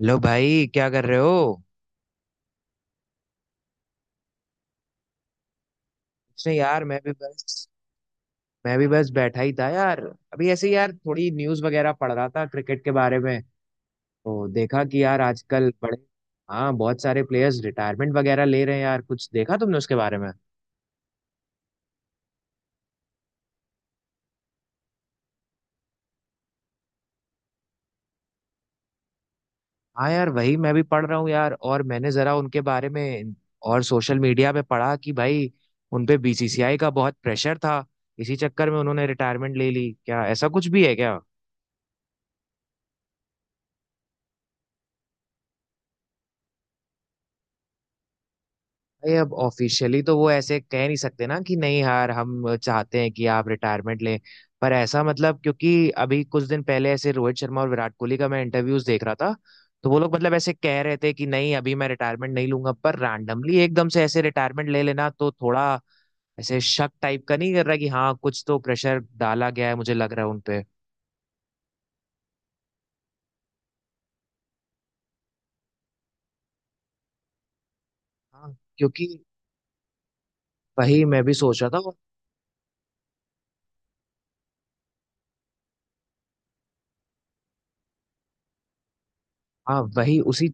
Hello भाई, क्या कर रहे हो। कुछ नहीं यार, मैं भी बस बैठा ही था यार। अभी ऐसे ही यार थोड़ी न्यूज़ वगैरह पढ़ रहा था क्रिकेट के बारे में। तो देखा कि यार आजकल बड़े हाँ बहुत सारे प्लेयर्स रिटायरमेंट वगैरह ले रहे हैं यार। कुछ देखा तुमने उसके बारे में? हाँ यार, वही मैं भी पढ़ रहा हूँ यार। और मैंने जरा उनके बारे में और सोशल मीडिया पे पढ़ा कि भाई उन पे बीसीसीआई का बहुत प्रेशर था। इसी चक्कर में उन्होंने रिटायरमेंट ले ली, क्या ऐसा कुछ भी है क्या? भाई अब ऑफिशियली तो वो ऐसे कह नहीं सकते ना कि नहीं यार हम चाहते हैं कि आप रिटायरमेंट लें। पर ऐसा मतलब, क्योंकि अभी कुछ दिन पहले ऐसे रोहित शर्मा और विराट कोहली का मैं इंटरव्यूज देख रहा था। तो वो लोग मतलब ऐसे कह रहे थे कि नहीं अभी मैं रिटायरमेंट नहीं लूंगा, पर रैंडमली एकदम से ऐसे रिटायरमेंट ले लेना तो थोड़ा ऐसे शक टाइप का नहीं कर रहा कि हाँ कुछ तो प्रेशर डाला गया है मुझे लग रहा है उनपे। हाँ, क्योंकि वही मैं भी सोच रहा था। और हाँ वही उसी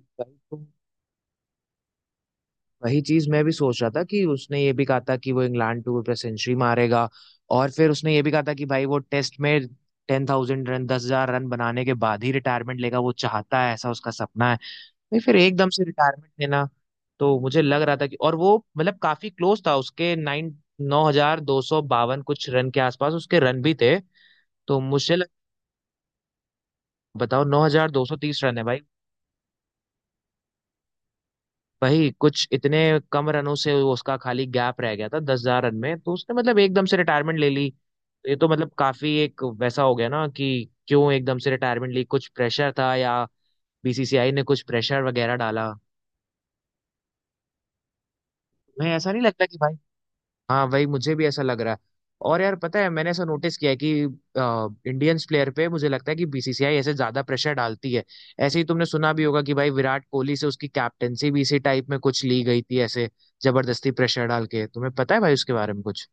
वही चीज मैं भी सोच रहा था कि उसने ये भी कहा था कि वो इंग्लैंड टूर पे सेंचुरी मारेगा। और फिर उसने ये भी कहा था कि भाई वो टेस्ट में 10,000 रन 10,000 रन बनाने के बाद ही रिटायरमेंट लेगा, वो चाहता है ऐसा उसका सपना है। भाई फिर एकदम से रिटायरमेंट लेना। तो मुझे लग रहा था कि और वो मतलब काफी क्लोज था, उसके नाइन 9,252 कुछ रन के आसपास उसके रन भी थे। तो मुझे लग, बताओ 9,230 रन है भाई। वही कुछ इतने कम रनों से वो उसका खाली गैप रह गया था 10,000 रन में, तो उसने मतलब एकदम से रिटायरमेंट ले ली। ये तो मतलब काफी एक वैसा हो गया ना कि क्यों एकदम से रिटायरमेंट ली, कुछ प्रेशर था या बीसीसीआई ने कुछ प्रेशर वगैरह डाला। मैं ऐसा नहीं लगता कि भाई। हाँ वही मुझे भी ऐसा लग रहा है। और यार पता है मैंने ऐसा नोटिस किया है कि इंडियंस प्लेयर पे मुझे लगता है कि बीसीसीआई ऐसे ज्यादा प्रेशर डालती है। ऐसे ही तुमने सुना भी होगा कि भाई विराट कोहली से उसकी कैप्टेंसी भी इसी टाइप में कुछ ली गई थी, ऐसे जबरदस्ती प्रेशर डाल के। तुम्हें पता है भाई उसके बारे में कुछ?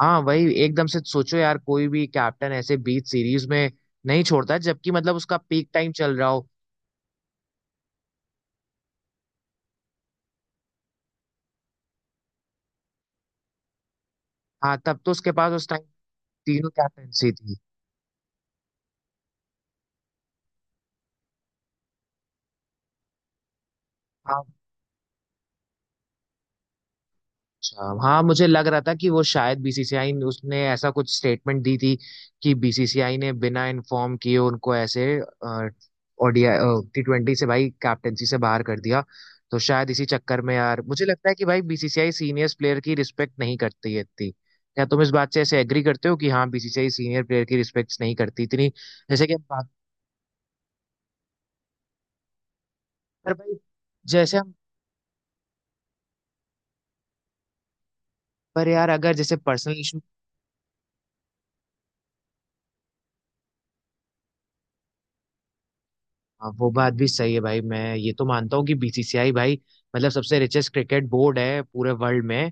हाँ वही एकदम से सोचो यार, कोई भी कैप्टन ऐसे बीच सीरीज में नहीं छोड़ता है, जबकि मतलब उसका पीक टाइम चल रहा हो। हाँ तब तो उसके पास उस टाइम तीनों कैप्टेंसी थी। हाँ। अच्छा हाँ, मुझे लग रहा था कि वो शायद बीसीसीआई ने, उसने ऐसा कुछ स्टेटमेंट दी थी कि बीसीसीआई ने बिना इन्फॉर्म किए उनको ऐसे ओडीआई T20 से भाई कैप्टेंसी से बाहर कर दिया। तो शायद इसी चक्कर में यार मुझे लगता है कि भाई बीसीसीआई सीनियर्स प्लेयर की रिस्पेक्ट नहीं करती है इतनी। क्या तुम इस बात से ऐसे एग्री करते हो कि हाँ बीसीसीआई सीनियर प्लेयर की रिस्पेक्ट नहीं करती इतनी? जैसे कि हम बात, पर भाई जैसे हम, पर यार अगर जैसे पर्सनल इशू। हाँ वो बात भी सही है भाई, मैं ये तो मानता हूँ कि बीसीसीआई भाई मतलब सबसे रिचेस्ट क्रिकेट बोर्ड है पूरे वर्ल्ड में।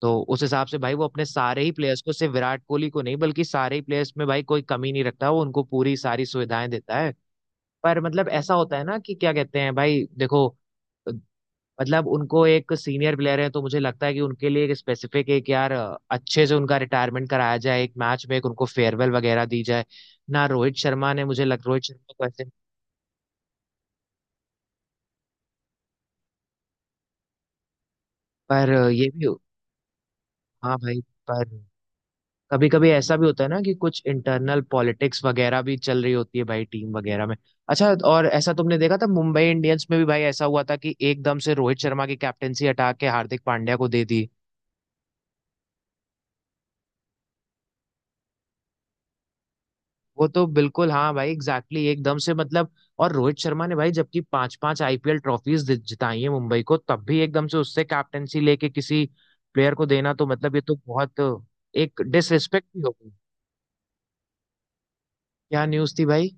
तो उस हिसाब से भाई वो अपने सारे ही प्लेयर्स को, सिर्फ विराट कोहली को नहीं बल्कि सारे ही प्लेयर्स में भाई कोई कमी नहीं रखता, वो उनको पूरी सारी सुविधाएं देता है। पर मतलब ऐसा होता है ना कि क्या कहते हैं भाई देखो, मतलब उनको एक सीनियर प्लेयर है तो मुझे लगता है कि उनके लिए एक स्पेसिफिक एक यार अच्छे से उनका रिटायरमेंट कराया जाए, एक मैच में एक उनको फेयरवेल वगैरल वगैरह दी जाए ना। रोहित शर्मा ने मुझे लग, रोहित शर्मा को ऐसे, पर ये भी, हाँ भाई। पर कभी कभी ऐसा भी होता है ना कि कुछ इंटरनल पॉलिटिक्स वगैरह भी चल रही होती है भाई टीम वगैरह में। अच्छा, और ऐसा तुमने देखा था मुंबई इंडियंस में भी भाई, ऐसा हुआ था कि एकदम से रोहित शर्मा की कैप्टेंसी हटा के हार्दिक पांड्या को दे दी। वो तो बिल्कुल हाँ भाई, एग्जैक्टली exactly, एकदम से मतलब। और रोहित शर्मा ने भाई जबकि पांच पांच आईपीएल ट्रॉफीज जिताई है मुंबई को, तब भी एकदम से उससे कैप्टेंसी लेके किसी प्लेयर को देना तो मतलब ये तो बहुत एक डिसरिस्पेक्ट भी हो गई। क्या न्यूज थी भाई?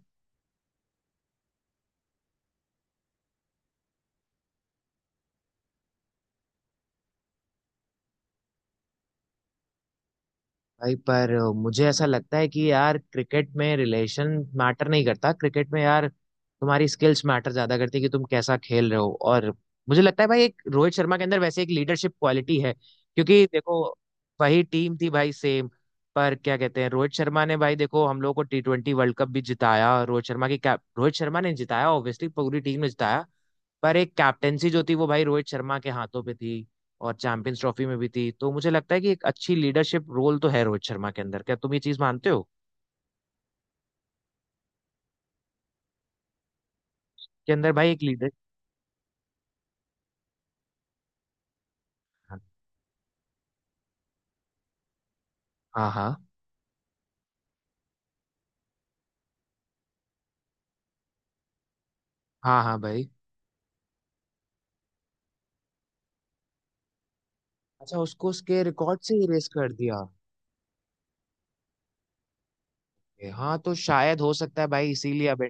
भाई पर मुझे ऐसा लगता है कि यार क्रिकेट में रिलेशन मैटर नहीं करता, क्रिकेट में यार तुम्हारी स्किल्स मैटर ज्यादा करती है कि तुम कैसा खेल रहे हो। और मुझे लगता है भाई एक रोहित शर्मा के अंदर वैसे एक लीडरशिप क्वालिटी है, क्योंकि देखो वही टीम थी भाई सेम। पर क्या कहते हैं, रोहित शर्मा ने भाई देखो हम लोग को T20 वर्ल्ड कप भी जिताया, रोहित शर्मा की रोहित शर्मा ने जिताया, ऑब्वियसली पूरी टीम ने जिताया। पर एक कैप्टेंसी जो थी वो भाई रोहित शर्मा के हाथों पे थी और चैंपियंस ट्रॉफी में भी थी। तो मुझे लगता है कि एक अच्छी लीडरशिप रोल तो है रोहित शर्मा के अंदर, क्या तुम ये चीज मानते हो? के अंदर भाई एक लीडर। हाँ हाँ हाँ हाँ भाई। अच्छा, उसको उसके रिकॉर्ड से ही रेस कर दिया? हाँ तो शायद हो सकता है भाई इसीलिए अब।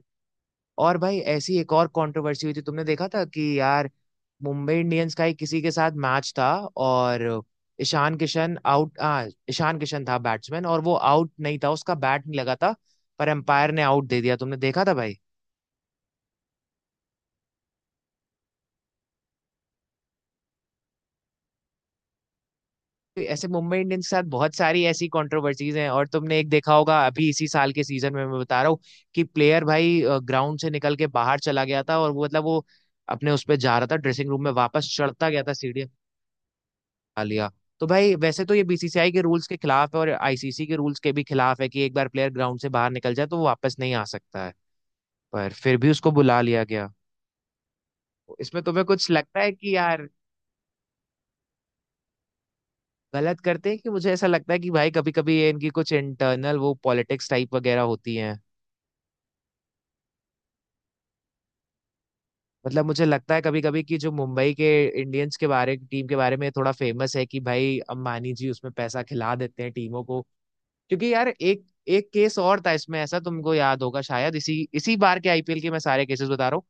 और भाई ऐसी एक और कंट्रोवर्सी हुई थी, तुमने देखा था कि यार मुंबई इंडियंस का ही किसी के साथ मैच था। और ईशान किशन आउट, हाँ ईशान किशन था बैट्समैन और वो आउट नहीं था, उसका बैट नहीं लगा था। पर एम्पायर ने आउट दे दिया, तुमने देखा था भाई? तो ऐसे मुंबई इंडियंस के साथ बहुत सारी ऐसी कंट्रोवर्सीज हैं। और तुमने एक देखा होगा अभी इसी साल के सीजन में, मैं बता रहा हूँ कि प्लेयर भाई ग्राउंड से निकल के बाहर चला गया था। और वो मतलब वो अपने उस पे जा रहा था ड्रेसिंग रूम में, वापस चढ़ता गया था सीढ़ी। आ लिया। तो भाई वैसे तो ये बीसीसीआई के रूल्स के खिलाफ है और आईसीसी के रूल्स के भी खिलाफ है कि एक बार प्लेयर ग्राउंड से बाहर निकल जाए तो वो वापस नहीं आ सकता है। पर फिर भी उसको बुला लिया गया। इसमें तुम्हें कुछ लगता है कि यार? गलत करते हैं कि मुझे ऐसा लगता है कि भाई कभी कभी ये इनकी कुछ इंटरनल वो पॉलिटिक्स टाइप वगैरह होती है। मतलब मुझे लगता है कभी कभी कि जो मुंबई के इंडियंस के बारे टीम के बारे में थोड़ा फेमस है कि भाई अंबानी जी उसमें पैसा खिला देते हैं टीमों को। क्योंकि यार एक, एक केस और था इसमें ऐसा तुमको याद होगा शायद इसी इसी बार के आईपीएल के, मैं सारे केसेस बता रहा हूँ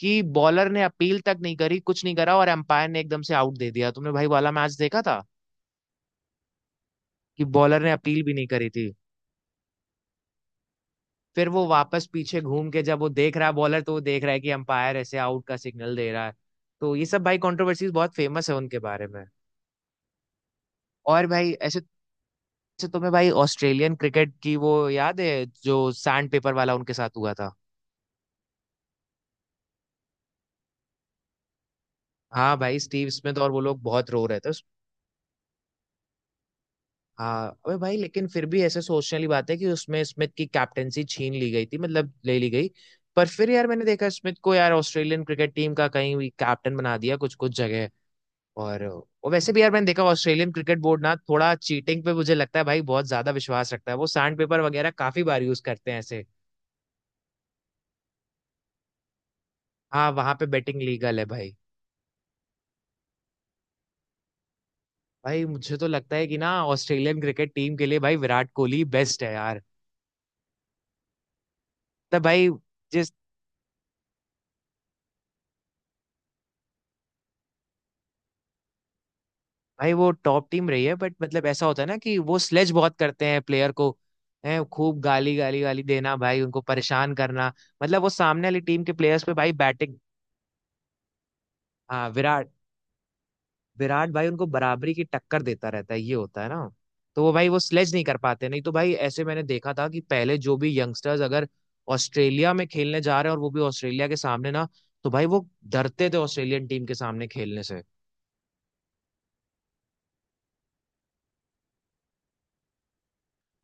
कि बॉलर ने अपील तक नहीं करी कुछ नहीं करा और एम्पायर ने एकदम से आउट दे दिया। तुमने भाई वाला मैच देखा था कि बॉलर ने अपील भी नहीं करी थी? फिर वो वापस पीछे घूम के जब वो देख रहा है बॉलर, तो वो देख रहा है कि एम्पायर ऐसे आउट का सिग्नल दे रहा है। तो ये सब भाई कंट्रोवर्सीज बहुत फेमस है उनके बारे में। और भाई ऐसे, ऐसे तुम्हें भाई ऑस्ट्रेलियन क्रिकेट की वो याद है जो सैंड पेपर वाला उनके साथ हुआ था? हाँ भाई, स्टीव स्मिथ और वो लोग बहुत रो रहे थे हाँ। अबे भाई लेकिन फिर भी ऐसे सोचने वाली बात है कि उसमें स्मिथ की कैप्टेंसी छीन ली गई थी, मतलब ले ली गई। पर फिर यार मैंने देखा स्मिथ को यार ऑस्ट्रेलियन क्रिकेट टीम का कहीं भी कैप्टन बना दिया कुछ कुछ जगह। और वैसे भी यार मैंने देखा ऑस्ट्रेलियन क्रिकेट बोर्ड ना थोड़ा चीटिंग पे मुझे लगता है भाई बहुत ज्यादा विश्वास रखता है, वो सैंड पेपर वगैरह काफी बार यूज करते हैं ऐसे। हाँ वहां पे बेटिंग लीगल है भाई। भाई मुझे तो लगता है कि ना ऑस्ट्रेलियन क्रिकेट टीम के लिए भाई विराट कोहली बेस्ट है यार। तब भाई, जिस, भाई वो टॉप टीम रही है बट मतलब ऐसा होता है ना कि वो स्लेज बहुत करते हैं प्लेयर को, है खूब गाली गाली गाली देना भाई, उनको परेशान करना। मतलब वो सामने वाली टीम के प्लेयर्स पे भाई बैटिंग, हाँ विराट, विराट भाई उनको बराबरी की टक्कर देता रहता है, ये होता है ना। तो वो भाई वो स्लेज नहीं कर पाते, नहीं तो भाई ऐसे मैंने देखा था कि पहले जो भी यंगस्टर्स अगर ऑस्ट्रेलिया में खेलने जा रहे हैं और वो भी ऑस्ट्रेलिया के सामने ना, तो भाई वो डरते थे ऑस्ट्रेलियन टीम के सामने खेलने से।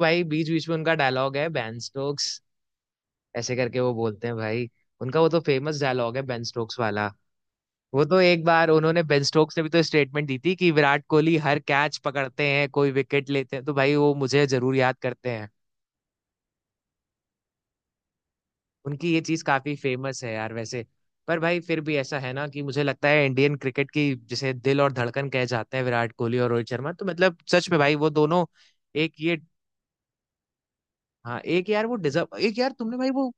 भाई बीच बीच में उनका डायलॉग है बैन स्टोक्स, ऐसे करके वो बोलते हैं भाई। उनका वो तो फेमस डायलॉग है बेन स्टोक्स वाला। वो तो एक बार उन्होंने बेन स्टोक्स ने भी तो स्टेटमेंट दी थी कि विराट कोहली हर कैच पकड़ते हैं कोई विकेट लेते हैं तो भाई वो मुझे जरूर याद करते हैं। उनकी ये चीज काफी फेमस है यार वैसे। पर भाई फिर भी ऐसा है ना कि मुझे लगता है इंडियन क्रिकेट की जिसे दिल और धड़कन कहे जाते हैं विराट कोहली और रोहित शर्मा, तो मतलब सच में भाई वो दोनों, एक ये, हाँ एक यार वो डिजर्व, एक यार तुमने भाई वो,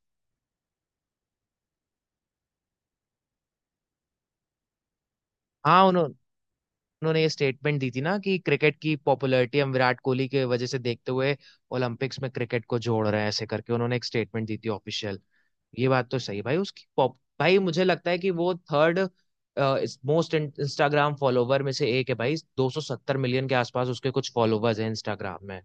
हाँ उन्होंने। उन्होंने ये स्टेटमेंट दी थी ना कि क्रिकेट की पॉपुलैरिटी हम विराट कोहली के वजह से देखते हुए ओलंपिक्स में क्रिकेट को जोड़ रहे हैं, ऐसे करके उन्होंने एक स्टेटमेंट दी थी ऑफिशियल। ये बात तो सही है भाई उसकी पॉप, भाई मुझे लगता है कि वो थर्ड मोस्ट इंस्टाग्राम फॉलोवर में से एक है भाई। 270 मिलियन के आसपास उसके कुछ फॉलोवर्स हैं इंस्टाग्राम में।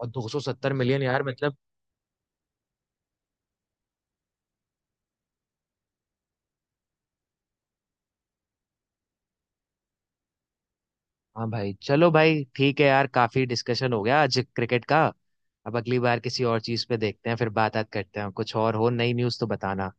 और 270 मिलियन यार मतलब। हाँ भाई चलो भाई ठीक है यार, काफी डिस्कशन हो गया आज क्रिकेट का। अब अगली बार किसी और चीज पे देखते हैं, फिर बात बात करते हैं। कुछ और हो नई न्यूज़ तो बताना।